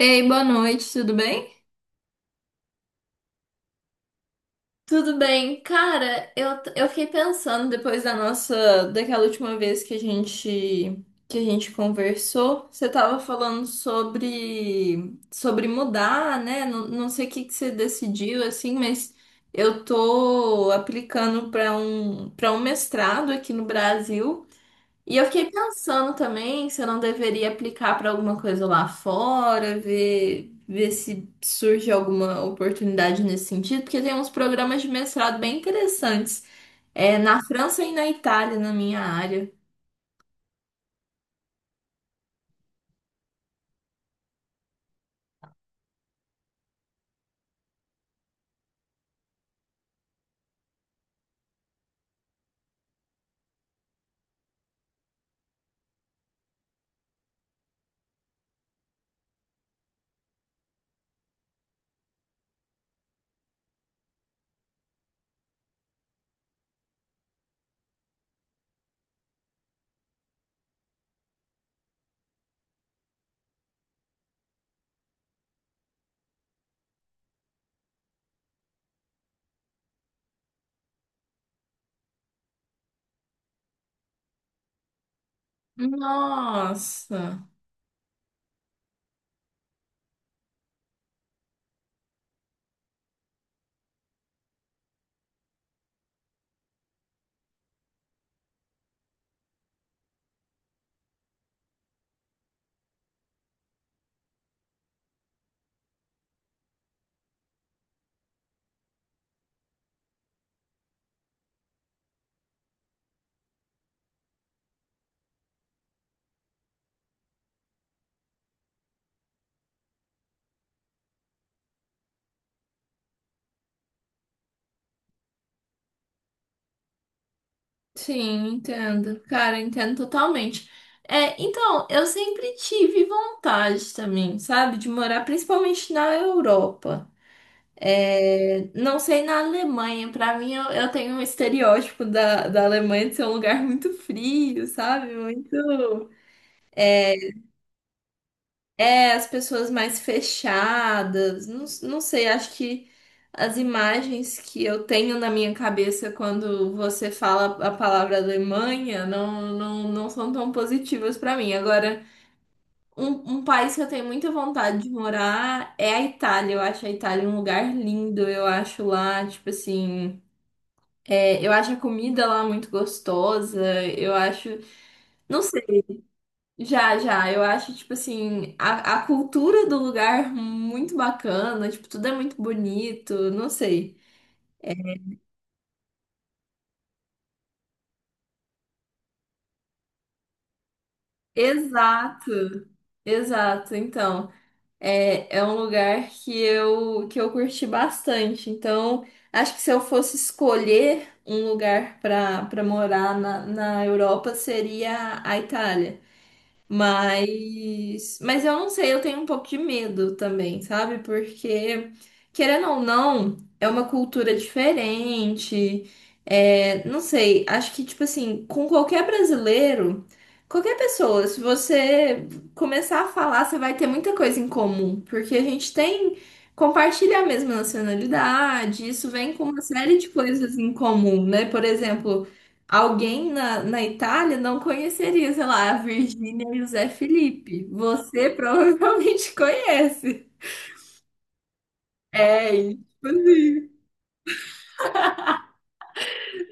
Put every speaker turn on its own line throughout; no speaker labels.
Ei, boa noite, tudo bem? Tudo bem, cara, eu fiquei pensando depois daquela última vez que a gente conversou, você tava falando sobre mudar, né? Não sei o que que você decidiu assim, mas eu tô aplicando para um mestrado aqui no Brasil. E eu fiquei pensando também se eu não deveria aplicar para alguma coisa lá fora, ver se surge alguma oportunidade nesse sentido, porque tem uns programas de mestrado bem interessantes, na França e na Itália, na minha área. Nossa, sim, entendo. Cara, entendo totalmente. É, então, eu sempre tive vontade também, sabe, de morar principalmente na Europa. Não sei na Alemanha, pra mim eu tenho um estereótipo da Alemanha de ser um lugar muito frio, sabe? Muito. É, as pessoas mais fechadas, não sei, acho que as imagens que eu tenho na minha cabeça quando você fala a palavra Alemanha não são tão positivas pra mim. Agora, um país que eu tenho muita vontade de morar é a Itália. Eu acho a Itália um lugar lindo, eu acho lá, tipo assim. É, eu acho a comida lá muito gostosa. Eu acho. Não sei, já, já. Eu acho, tipo assim, a cultura do lugar muito bacana. Tipo, tudo é muito bonito. Não sei. Exato, exato. Então, é, é um lugar que eu curti bastante. Então, acho que se eu fosse escolher um lugar para morar na Europa, seria a Itália. Mas eu não sei, eu tenho um pouco de medo também, sabe? Porque, querendo ou não, é uma cultura diferente. É, não sei, acho que, tipo assim, com qualquer brasileiro, qualquer pessoa, se você começar a falar, você vai ter muita coisa em comum. Porque a gente tem, compartilha a mesma nacionalidade, isso vem com uma série de coisas em comum, né? Por exemplo. Alguém na Itália não conheceria, sei lá, a Virgínia e o Zé Felipe. Você provavelmente conhece. É,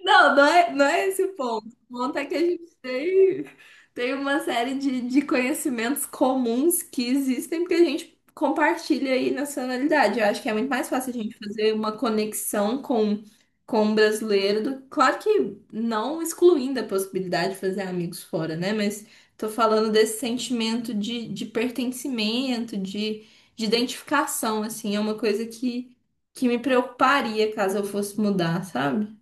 Não é esse o ponto. O ponto é que a gente tem, tem uma série de conhecimentos comuns que existem porque a gente compartilha aí nacionalidade. Eu acho que é muito mais fácil a gente fazer uma conexão com um brasileiro. Do- claro que não excluindo a possibilidade de fazer amigos fora, né? Mas tô falando desse sentimento de pertencimento, de identificação, assim. É uma coisa que me preocuparia caso eu fosse mudar, sabe?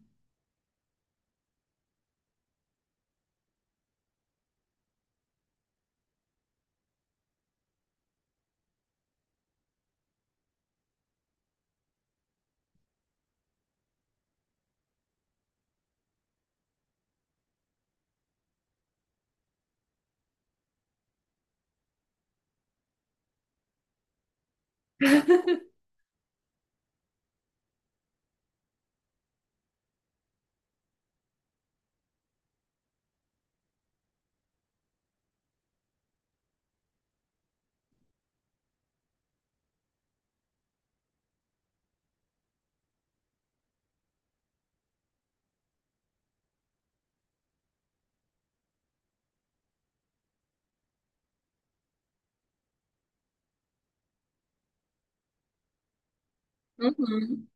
Uhum.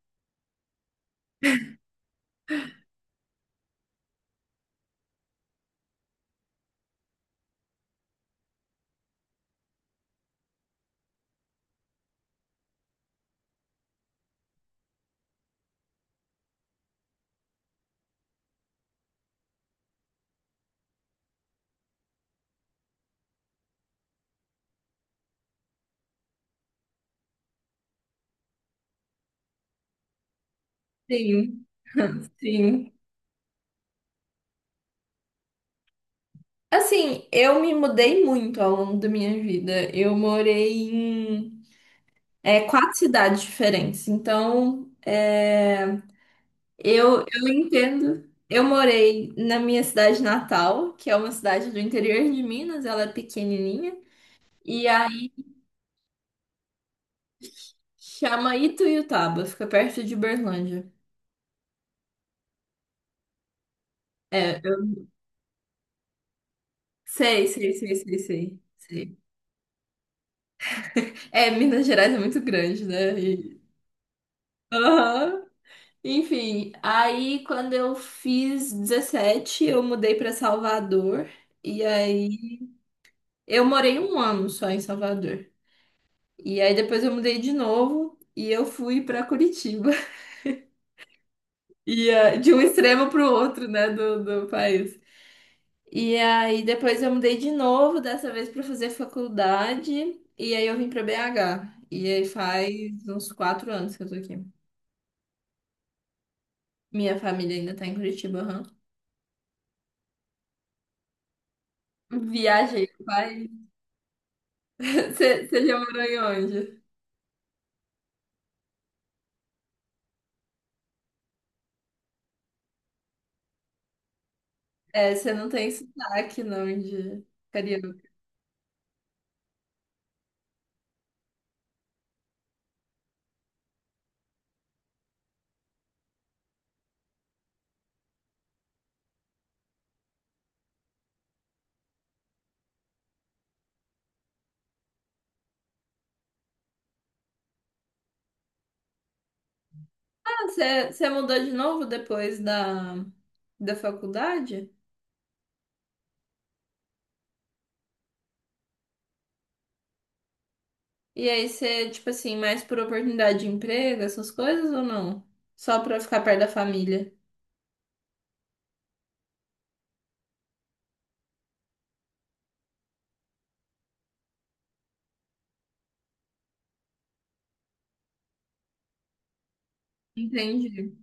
Sim, sim. Assim, eu me mudei muito ao longo da minha vida. Eu morei em 4 cidades diferentes. Então, é, eu entendo. Eu morei na minha cidade natal, que é uma cidade do interior de Minas, ela é pequenininha. E aí chama Ituiutaba, fica perto de Uberlândia. Eu sei. É, Minas Gerais é muito grande, né? E... Aham. Enfim, aí quando eu fiz 17 eu mudei para Salvador. E aí eu morei um ano só em Salvador. E aí depois eu mudei de novo e eu fui para Curitiba. E ah, de um extremo para o outro, né, do país. E aí depois eu mudei de novo, dessa vez para fazer faculdade. E aí eu vim para BH. E aí faz uns 4 anos que eu tô aqui. Minha família ainda tá em Curitiba, aham. Viajei, você já morou em onde? É, você não tem sotaque, não, de carioca. Ah, você mudou de novo depois da faculdade? E aí você, tipo assim, mais por oportunidade de emprego, essas coisas ou não? Só pra ficar perto da família? Entendi.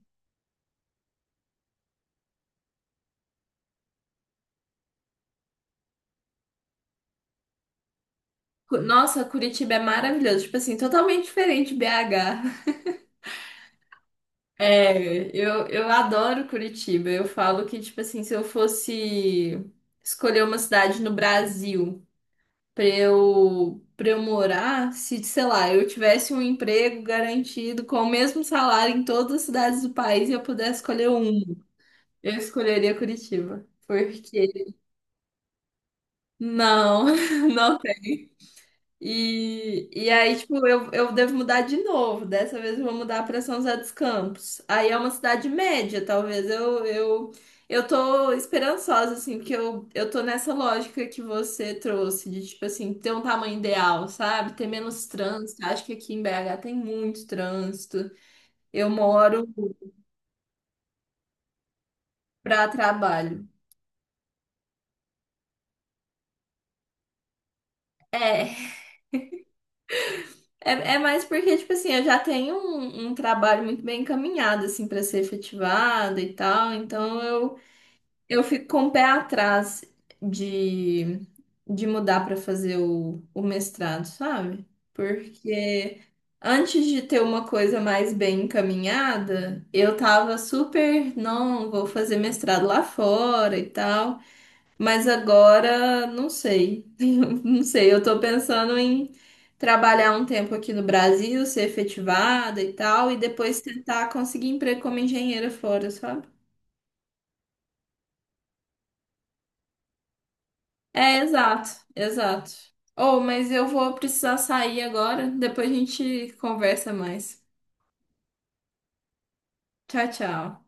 Nossa, Curitiba é maravilhoso. Tipo assim, totalmente diferente de BH. É, eu adoro Curitiba. Eu falo que, tipo assim, se eu fosse escolher uma cidade no Brasil. Pra eu morar, se, sei lá, eu tivesse um emprego garantido com o mesmo salário em todas as cidades do país e eu pudesse escolher um, eu escolheria Curitiba. Porque não, não tipo, eu devo mudar de novo. Dessa vez eu vou mudar para São José dos Campos. Aí é uma cidade média, talvez. Eu tô esperançosa, assim, porque eu tô nessa lógica que você trouxe, de, tipo assim, ter um tamanho ideal, sabe? Ter menos trânsito. Acho que aqui em BH tem muito trânsito. Eu moro para trabalho. É, é mais porque, tipo assim, eu já tenho um trabalho muito bem encaminhado, assim, para ser efetivado e tal, então eu fico com o pé atrás de, de mudar para fazer o mestrado, sabe? Porque antes de ter uma coisa mais bem encaminhada, eu tava super, não, vou fazer mestrado lá fora e tal. Mas agora, não sei. Não sei, eu tô pensando em trabalhar um tempo aqui no Brasil, ser efetivada e tal, e depois tentar conseguir emprego como engenheira fora, sabe? É, exato, exato. Oh, mas eu vou precisar sair agora, depois a gente conversa mais. Tchau, tchau.